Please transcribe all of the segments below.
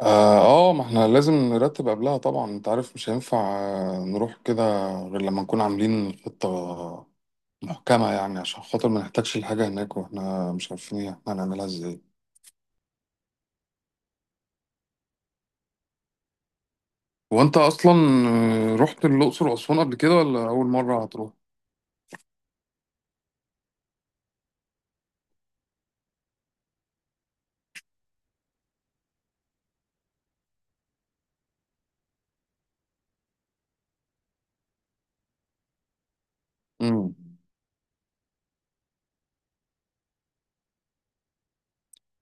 اه ما احنا لازم نرتب قبلها طبعا، انت عارف مش هينفع نروح كده غير لما نكون عاملين خطة محكمة، يعني عشان خاطر ما نحتاجش الحاجة هناك واحنا مش عارفين احنا هنعملها ازاي. وانت اصلا رحت الأقصر وأسوان قبل كده ولا أول مرة هتروح؟ امم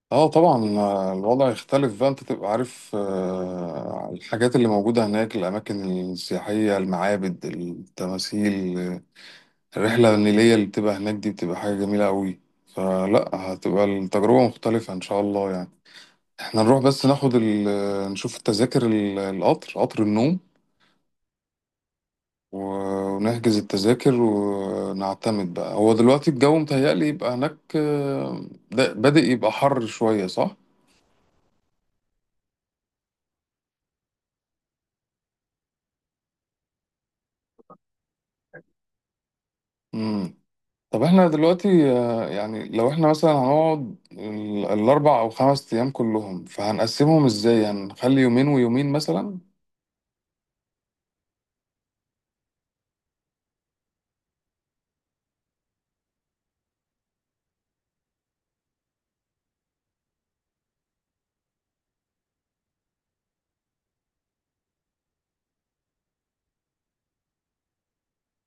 اه، طبعا الوضع يختلف بقى، انت تبقى عارف الحاجات اللي موجودة هناك، الأماكن السياحية، المعابد، التماثيل. الرحلة النيلية اللي بتبقى هناك دي بتبقى حاجة جميلة قوي، فلا هتبقى التجربة مختلفة إن شاء الله يعني. احنا نروح بس ناخد نشوف التذاكر القطر، قطر النوم ونحجز التذاكر ونعتمد بقى. هو دلوقتي الجو متهيألي يبقى هناك ده بادئ يبقى حر شوية صح؟ مم. طب احنا دلوقتي يعني لو احنا مثلا هنقعد الأربع أو 5 أيام كلهم، فهنقسمهم ازاي؟ هنخلي يومين ويومين مثلا؟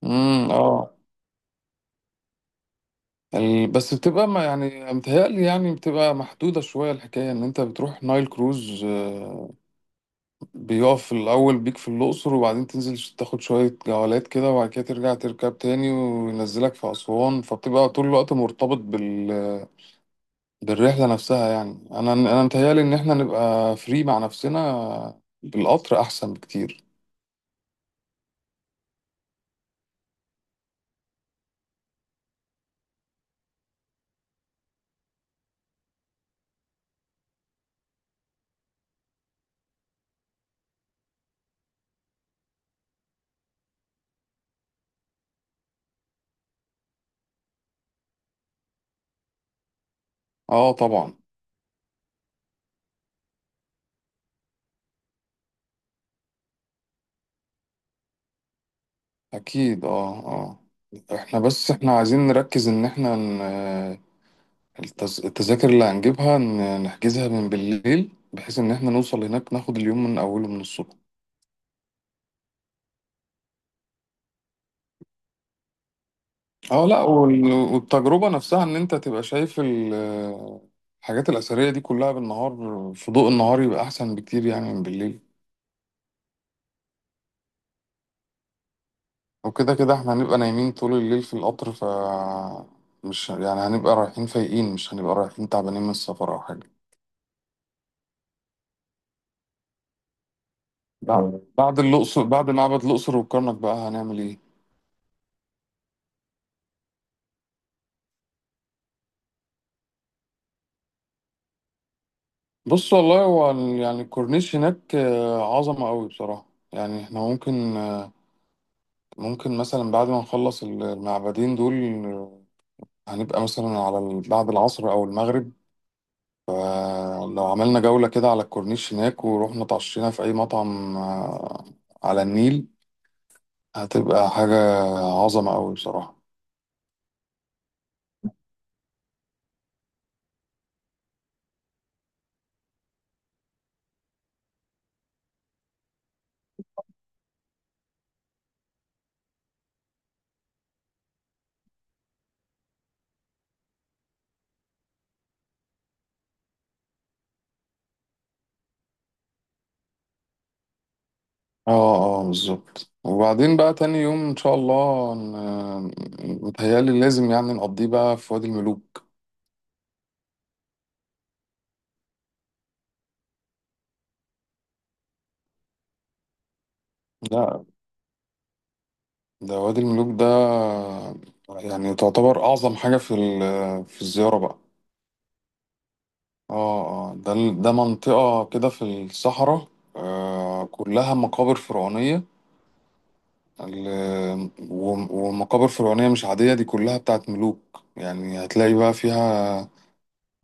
اه، بس بتبقى ما يعني متهيألي يعني بتبقى محدودة شوية الحكاية، إن أنت بتروح نايل كروز بيقف الأول بيك في الأقصر، وبعدين تنزل تاخد شوية جولات كده، وبعد كده ترجع تركب تاني وينزلك في أسوان، فبتبقى طول الوقت مرتبط بالرحلة نفسها. يعني أنا متهيألي إن إحنا نبقى فري مع نفسنا بالقطر أحسن بكتير. أه، طبعا. أكيد، أه، أه. إحنا عايزين نركز إن إحنا التذاكر اللي هنجيبها نحجزها من بالليل، بحيث ان احنا نوصل هناك ناخد اليوم من اوله من الصبح. اه، لا والتجربة نفسها ان انت تبقى شايف الحاجات الأثرية دي كلها بالنهار، في ضوء النهار يبقى احسن بكتير يعني من بالليل. وكده كده احنا هنبقى نايمين طول الليل في القطر، مش يعني هنبقى رايحين فايقين، مش هنبقى رايحين تعبانين من السفر او حاجة. بعد الأقصر، بعد معبد الأقصر والكرنك بقى، هنعمل ايه؟ بص والله هو يعني الكورنيش هناك عظمة قوي بصراحة. يعني احنا ممكن ممكن مثلا بعد ما نخلص المعبدين دول آه، هنبقى مثلا على بعد العصر أو المغرب، فلو عملنا جولة كده على الكورنيش هناك ورحنا اتعشينا في أي مطعم على النيل، هتبقى حاجة عظمة قوي بصراحة. اه، اه، بالظبط. وبعدين بقى تاني يوم ان شاء الله، متهيألي لازم يعني نقضيه بقى في وادي الملوك. لا، ده وادي الملوك ده يعني تعتبر أعظم حاجة في في الزيارة بقى. اه، اه، ده ده منطقة كده في الصحراء، كلها مقابر فرعونية. ومقابر فرعونية مش عادية، دي كلها بتاعت ملوك. يعني هتلاقي بقى فيها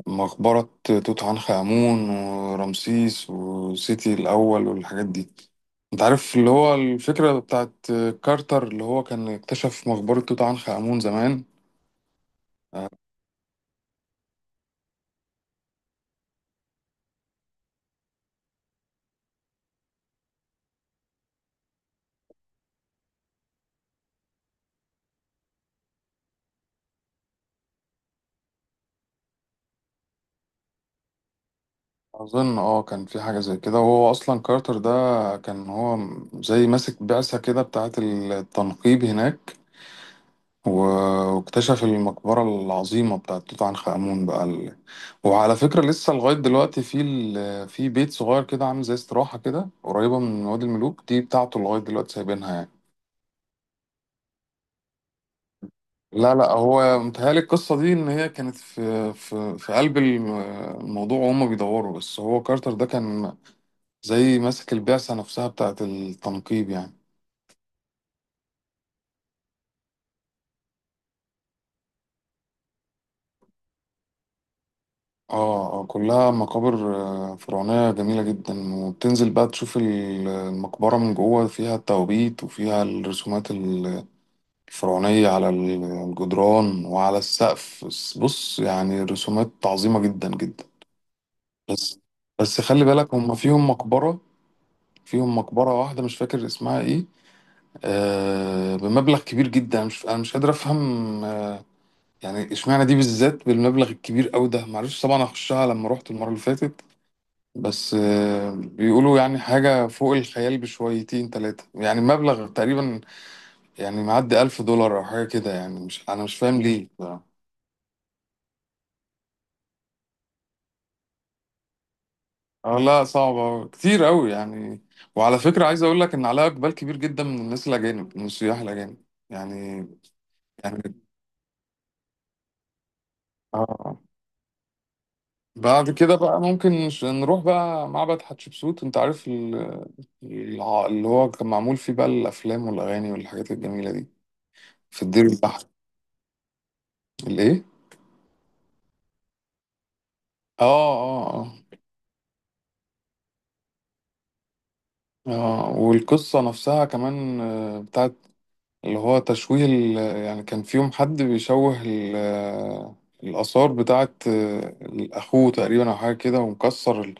مقبرة توت عنخ آمون ورمسيس وسيتي الأول والحاجات دي. انت عارف اللي هو الفكرة بتاعت كارتر اللي هو كان اكتشف مقبرة توت عنخ آمون زمان. أظن أه كان في حاجة زي كده. وهو أصلا كارتر ده كان هو زي ماسك بعثة كده بتاعة التنقيب هناك، واكتشف المقبرة العظيمة بتاعة توت عنخ آمون بقى وعلى فكرة لسه لغاية دلوقتي في في بيت صغير كده عامل زي استراحة كده قريبة من وادي الملوك دي بتاعته، لغاية دلوقتي سايبينها يعني. لا، لا، هو متهيألي القصة دي إن هي كانت في في قلب الموضوع وهم بيدوروا، بس هو كارتر ده كان زي ماسك البعثة نفسها بتاعة التنقيب يعني. اه، اه، كلها مقابر فرعونية جميلة جدا. وبتنزل بقى تشوف المقبرة من جوه، فيها التوابيت وفيها الرسومات الفرعونية على الجدران وعلى السقف. بص يعني رسومات عظيمة جدا جدا. بس بس خلي بالك هم فيهم مقبرة واحدة مش فاكر اسمها ايه، آه، بمبلغ كبير جدا. مش مش قادر أفهم يعني اشمعنى دي بالذات بالمبلغ الكبير قوي ده. معرفش طبعا اخشها لما رحت المره اللي فاتت، بس بيقولوا يعني حاجه فوق الخيال بشويتين تلاتة. يعني مبلغ تقريبا يعني معدي 1000 دولار او حاجه كده يعني. مش مش فاهم ليه ف-. اه، لا، صعبه كتير قوي يعني. وعلى فكره، عايز اقول لك ان عليها اقبال كبير جدا من الناس الاجانب، من السياح الاجانب يعني. يعني، اه. بعد كده بقى ممكن نروح بقى معبد حتشبسوت. انت عارف اللي هو كان معمول فيه بقى الافلام والاغاني والحاجات الجميله دي، في الدير البحر. الايه؟ اه، اه، اه، اه. والقصه نفسها كمان بتاعت اللي هو تشويه يعني كان فيهم حد بيشوه الاثار بتاعت اخوه تقريبا او حاجه كده، ومكسر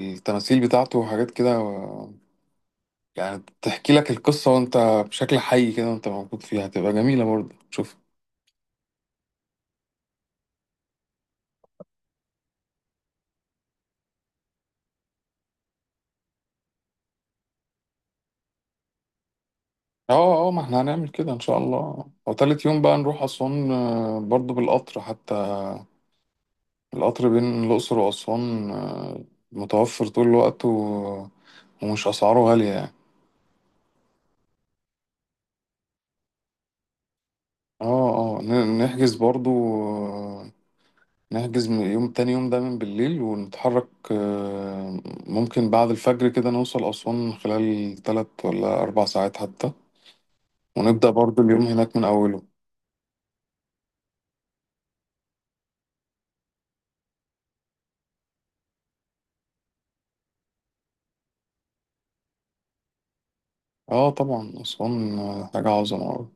التماثيل بتاعته وحاجات كده يعني تحكي لك القصه، وانت بشكل حي كده وانت موجود فيها هتبقى جميله برضه، شوف. اه، اه، ما احنا هنعمل كده ان شاء الله. وتالت يوم بقى نروح اسوان برضو بالقطر حتى. القطر بين الاقصر واسوان متوفر طول الوقت، ومش اسعاره غالية يعني. اه، اه، نحجز برضو آه، نحجز من يوم تاني يوم ده من بالليل، ونتحرك ممكن بعد الفجر كده، نوصل اسوان خلال 3 ولا 4 ساعات حتى. ونبدأ برضو اليوم هناك من اوله. اه طبعا اسوان حاجة عظمة أوي.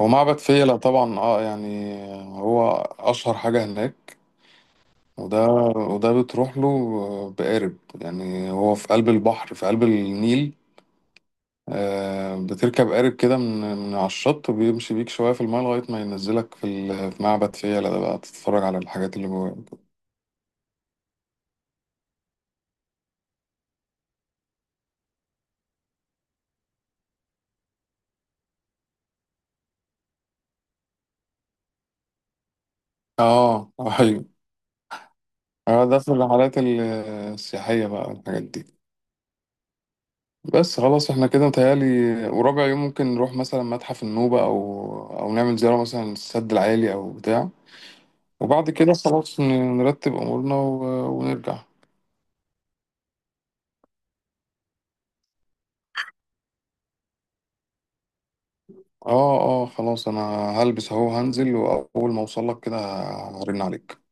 هو معبد فيلة طبعا، اه يعني هو اشهر حاجة هناك. وده وده بتروح له بقارب، يعني هو في قلب البحر، في قلب النيل بتركب قارب كده، من على الشط، وبيمشي بيك شوية في الماء لغاية ما ينزلك في في معبد فيلة ده بقى، تتفرج على الحاجات اللي جواه. اه، ايوه، ده في الرحلات السياحية بقى الحاجات دي. بس خلاص احنا كده متهيألي. ورابع يوم ممكن نروح مثلا متحف النوبة، أو نعمل زيارة مثلا للسد العالي أو بتاع. وبعد كده خلاص نرتب امورنا ونرجع. اه، اه، خلاص انا هلبس اهو، هنزل واول ما اوصل لك كده هرن عليك.